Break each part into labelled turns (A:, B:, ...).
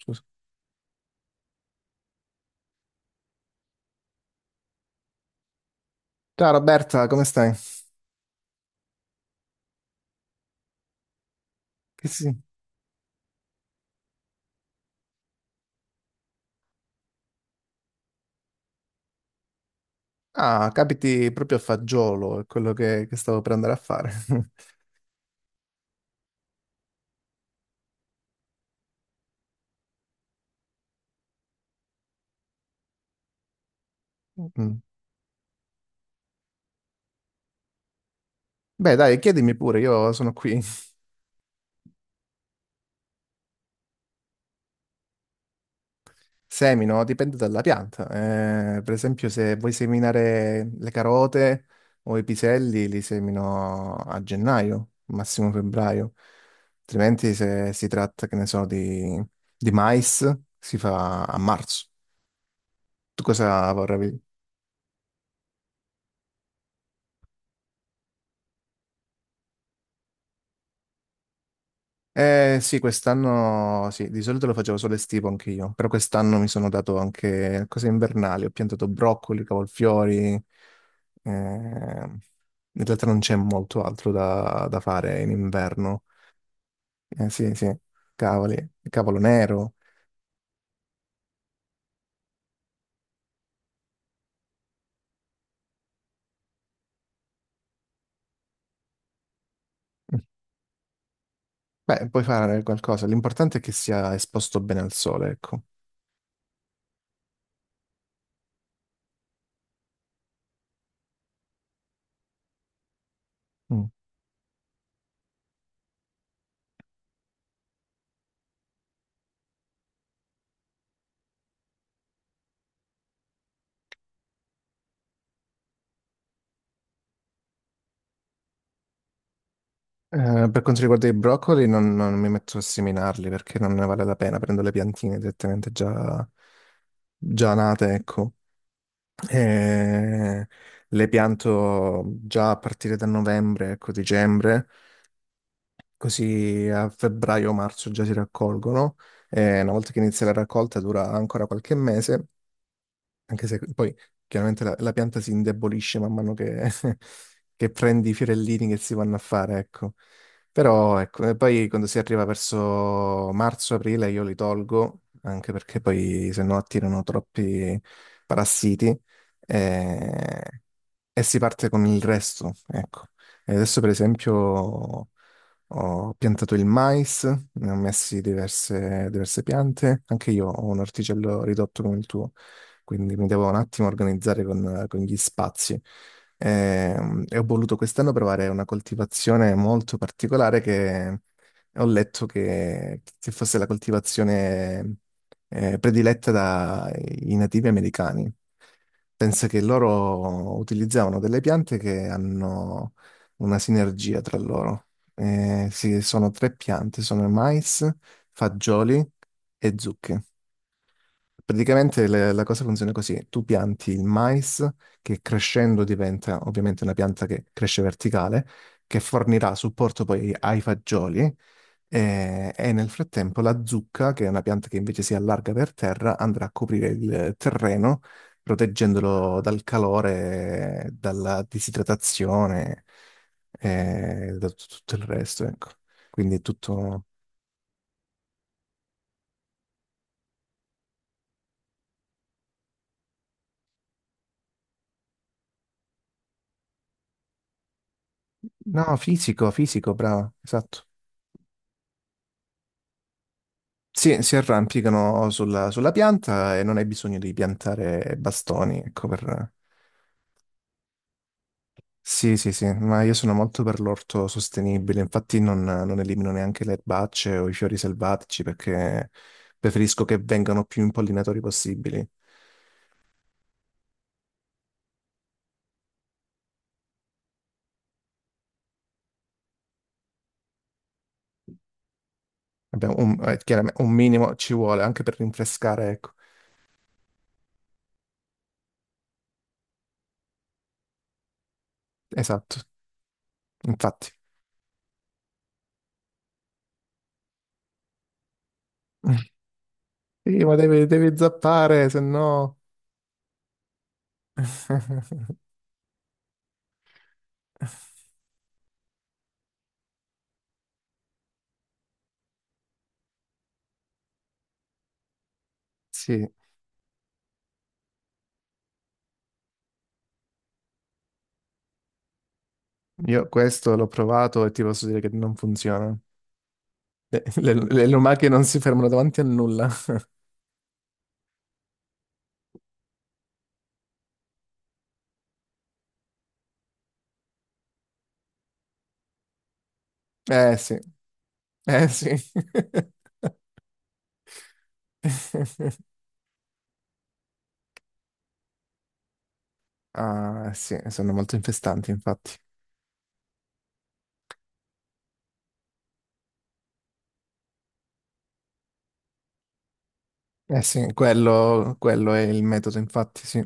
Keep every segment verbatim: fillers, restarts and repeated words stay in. A: Scusa. Ciao Roberta, come stai? Che sì. Ah, capiti proprio a fagiolo, è quello che, che stavo per andare a fare. Mm. Beh, dai, chiedimi pure, io sono qui. Semino, dipende dalla pianta. Eh, per esempio, se vuoi seminare le carote o i piselli, li semino a gennaio, massimo febbraio. Altrimenti, se si tratta, che ne so, di, di mais, si fa a marzo. Tu cosa vorrai? Eh sì, quest'anno sì, di solito lo facevo solo estivo anche io, però quest'anno mi sono dato anche cose invernali, ho piantato broccoli, cavolfiori, eh, in realtà non c'è molto altro da, da fare in inverno. Eh sì, sì, cavoli, cavolo nero. Beh, puoi fare qualcosa, l'importante è che sia esposto bene al sole, ecco. Mm. Eh, per quanto riguarda i broccoli, non, non mi metto a seminarli perché non ne vale la pena. Prendo le piantine direttamente già, già nate, ecco. E le pianto già a partire da novembre, ecco, dicembre, così a febbraio-marzo già si raccolgono. E una volta che inizia la raccolta dura ancora qualche mese. Anche se poi chiaramente la, la pianta si indebolisce man mano che, che prendi i fiorellini che si vanno a fare, ecco. Però ecco, e poi quando si arriva verso marzo-aprile io li tolgo, anche perché poi se no attirano troppi parassiti. eh, e si parte con il resto, ecco. E adesso per esempio ho piantato il mais, ne ho messi diverse, diverse piante, anche io ho un orticello ridotto come il tuo, quindi mi devo un attimo organizzare con, con gli spazi. Ehm, E, ho voluto quest'anno provare una coltivazione molto particolare che ho letto che, che fosse la coltivazione eh, prediletta dai nativi americani. Pensa che loro utilizzavano delle piante che hanno una sinergia tra loro. Eh sì, sono tre piante, sono mais, fagioli e zucche. Praticamente le- la cosa funziona così. Tu pianti il mais, che crescendo diventa ovviamente una pianta che cresce verticale, che fornirà supporto poi ai fagioli, eh, E, nel frattempo la zucca, che è una pianta che invece si allarga per terra, andrà a coprire il terreno, proteggendolo dal calore, dalla disidratazione e da tut- tutto il resto, ecco. Quindi è tutto... No, fisico, fisico, bravo, esatto. Sì, si arrampicano sulla, sulla pianta e non hai bisogno di piantare bastoni, ecco, per, Sì, sì, sì, ma io sono molto per l'orto sostenibile, infatti non, non elimino neanche le erbacce o i fiori selvatici perché preferisco che vengano più impollinatori possibili. Abbiamo un, eh, chiaramente un minimo ci vuole anche per rinfrescare, ecco. Esatto, infatti. Sì, ma devi, devi zappare, se no... Sì, io questo l'ho provato e ti posso dire che non funziona. Le, le, le lumache non si fermano davanti a nulla. Eh sì, eh sì. Ah, eh sì, sono molto infestanti, infatti. Eh sì, quello, quello è il metodo, infatti, sì.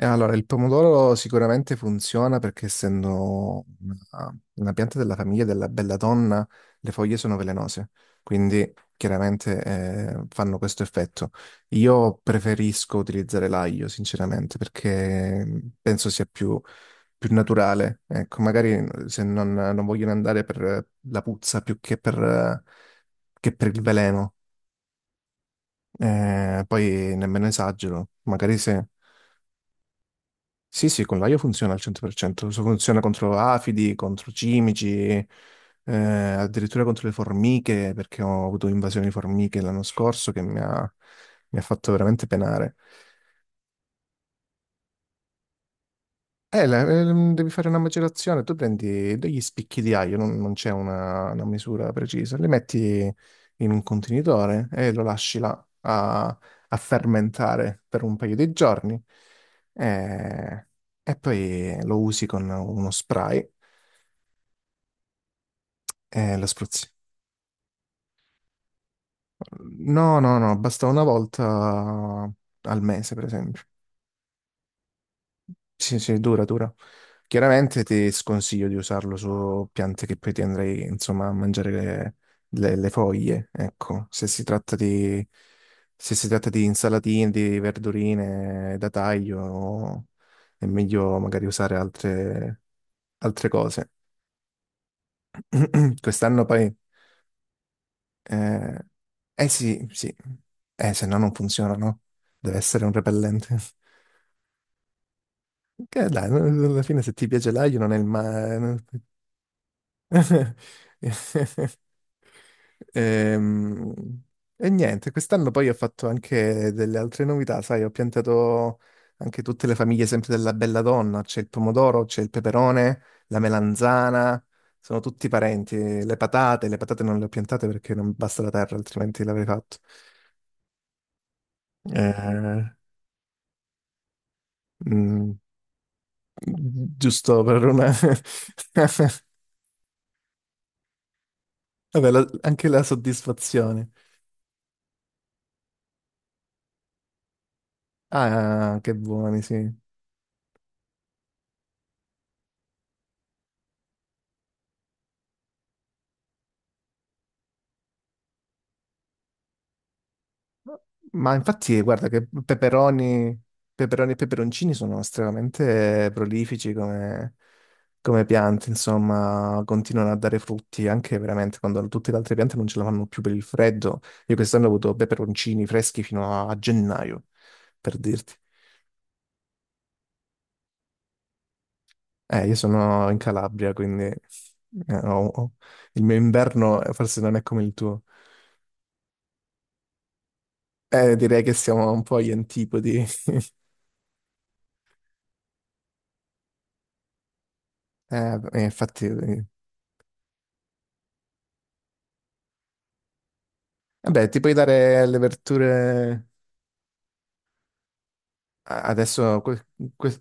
A: Eh, Allora, il pomodoro sicuramente funziona perché essendo una, una pianta della famiglia della belladonna, le foglie sono velenose, quindi chiaramente eh, fanno questo effetto. Io preferisco utilizzare l'aglio, sinceramente, perché penso sia più, più naturale. Ecco, magari se non, non vogliono andare per la puzza più che per, che per il veleno. Eh, poi nemmeno esagero, magari se... Sì, sì, con l'aglio funziona al cento per cento, so- funziona contro afidi, contro cimici, eh, addirittura contro le formiche, perché ho avuto invasione di formiche l'anno scorso che mi ha, mi ha fatto veramente penare. Eh, la- ehm, devi fare una macerazione, tu prendi degli spicchi di aglio, non, non c'è una, una misura precisa, li metti in un contenitore e lo lasci là a, a fermentare per un paio di giorni eh, e poi lo usi con uno spray. Eh, lo spruzzi. No, no, no, basta una volta al mese, per esempio. Sì, sì, dura, dura. Chiaramente ti sconsiglio di usarlo su piante che poi ti andrei, insomma, a mangiare le, le- le foglie, ecco. Se si tratta di, se si tratta di insalatine, di verdurine da taglio, è meglio magari usare altre, altre cose. Quest'anno poi... Eh, eh sì, sì. Eh, se no non funziona, no? Deve essere un repellente. Che dai, no, no, alla fine se ti piace l'aglio non è il male. Ehm, E, niente, quest'anno poi ho fatto anche delle altre novità, sai, ho piantato anche tutte le famiglie sempre della bella donna, c'è il pomodoro, c'è il peperone, la melanzana, sono tutti parenti, le patate, le patate non le ho piantate perché non basta la terra, altrimenti l'avrei fatto. Eh, Mm, Giusto per una... Vabbè, la- anche la soddisfazione. Ah, che buoni, sì. Ma infatti, guarda che peperoni, peperoni e peperoncini sono estremamente prolifici come, come piante, insomma, continuano a dare frutti anche veramente quando tutte le altre piante non ce la fanno più per il freddo. Io quest'anno ho avuto peperoncini freschi fino a gennaio, per dirti. Eh, io sono in Calabria, quindi eh, ho- ho- il mio inverno eh, forse non è come il tuo. Eh, direi che siamo un po' agli antipodi. Eh, eh, infatti, eh, vabbè, ti puoi dare le verdure a- adesso. que- que-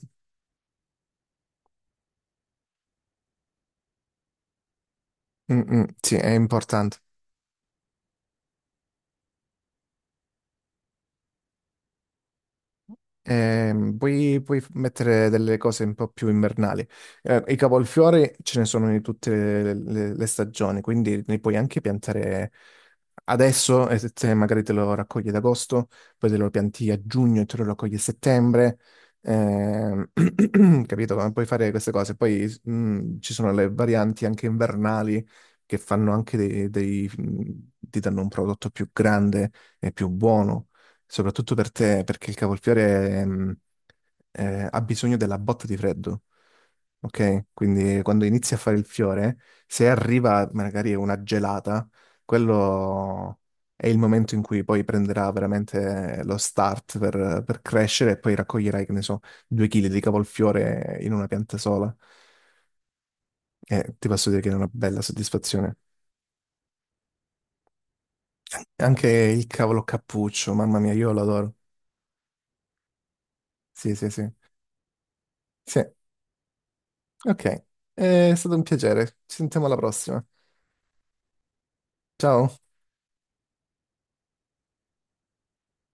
A: Mm, mm, sì, è importante. Ehm, puoi, puoi mettere delle cose un po' più invernali. Eh, i cavolfiori ce ne sono in tutte le, le- le stagioni, quindi ne puoi anche piantare adesso, e se se magari te lo raccogli ad agosto, poi te lo pianti a giugno e te lo raccogli a settembre. Ehm, capito? Ma puoi fare queste cose. Poi mh, ci sono le varianti anche invernali che fanno anche dei, dei- mm, ti danno un prodotto più grande e più buono soprattutto per te, perché il cavolfiore ehm, eh, ha bisogno della botta di freddo, ok? Quindi quando inizi a fare il fiore, se arriva magari una gelata, quello è il momento in cui poi prenderà veramente lo start per, per crescere e poi raccoglierai, che ne so, due chili di cavolfiore in una pianta sola. E ti posso dire che è una bella soddisfazione. Anche il cavolo cappuccio, mamma mia, io lo adoro. Sì, sì, sì. Sì. Ok, è stato un piacere. Ci sentiamo alla prossima. Ciao.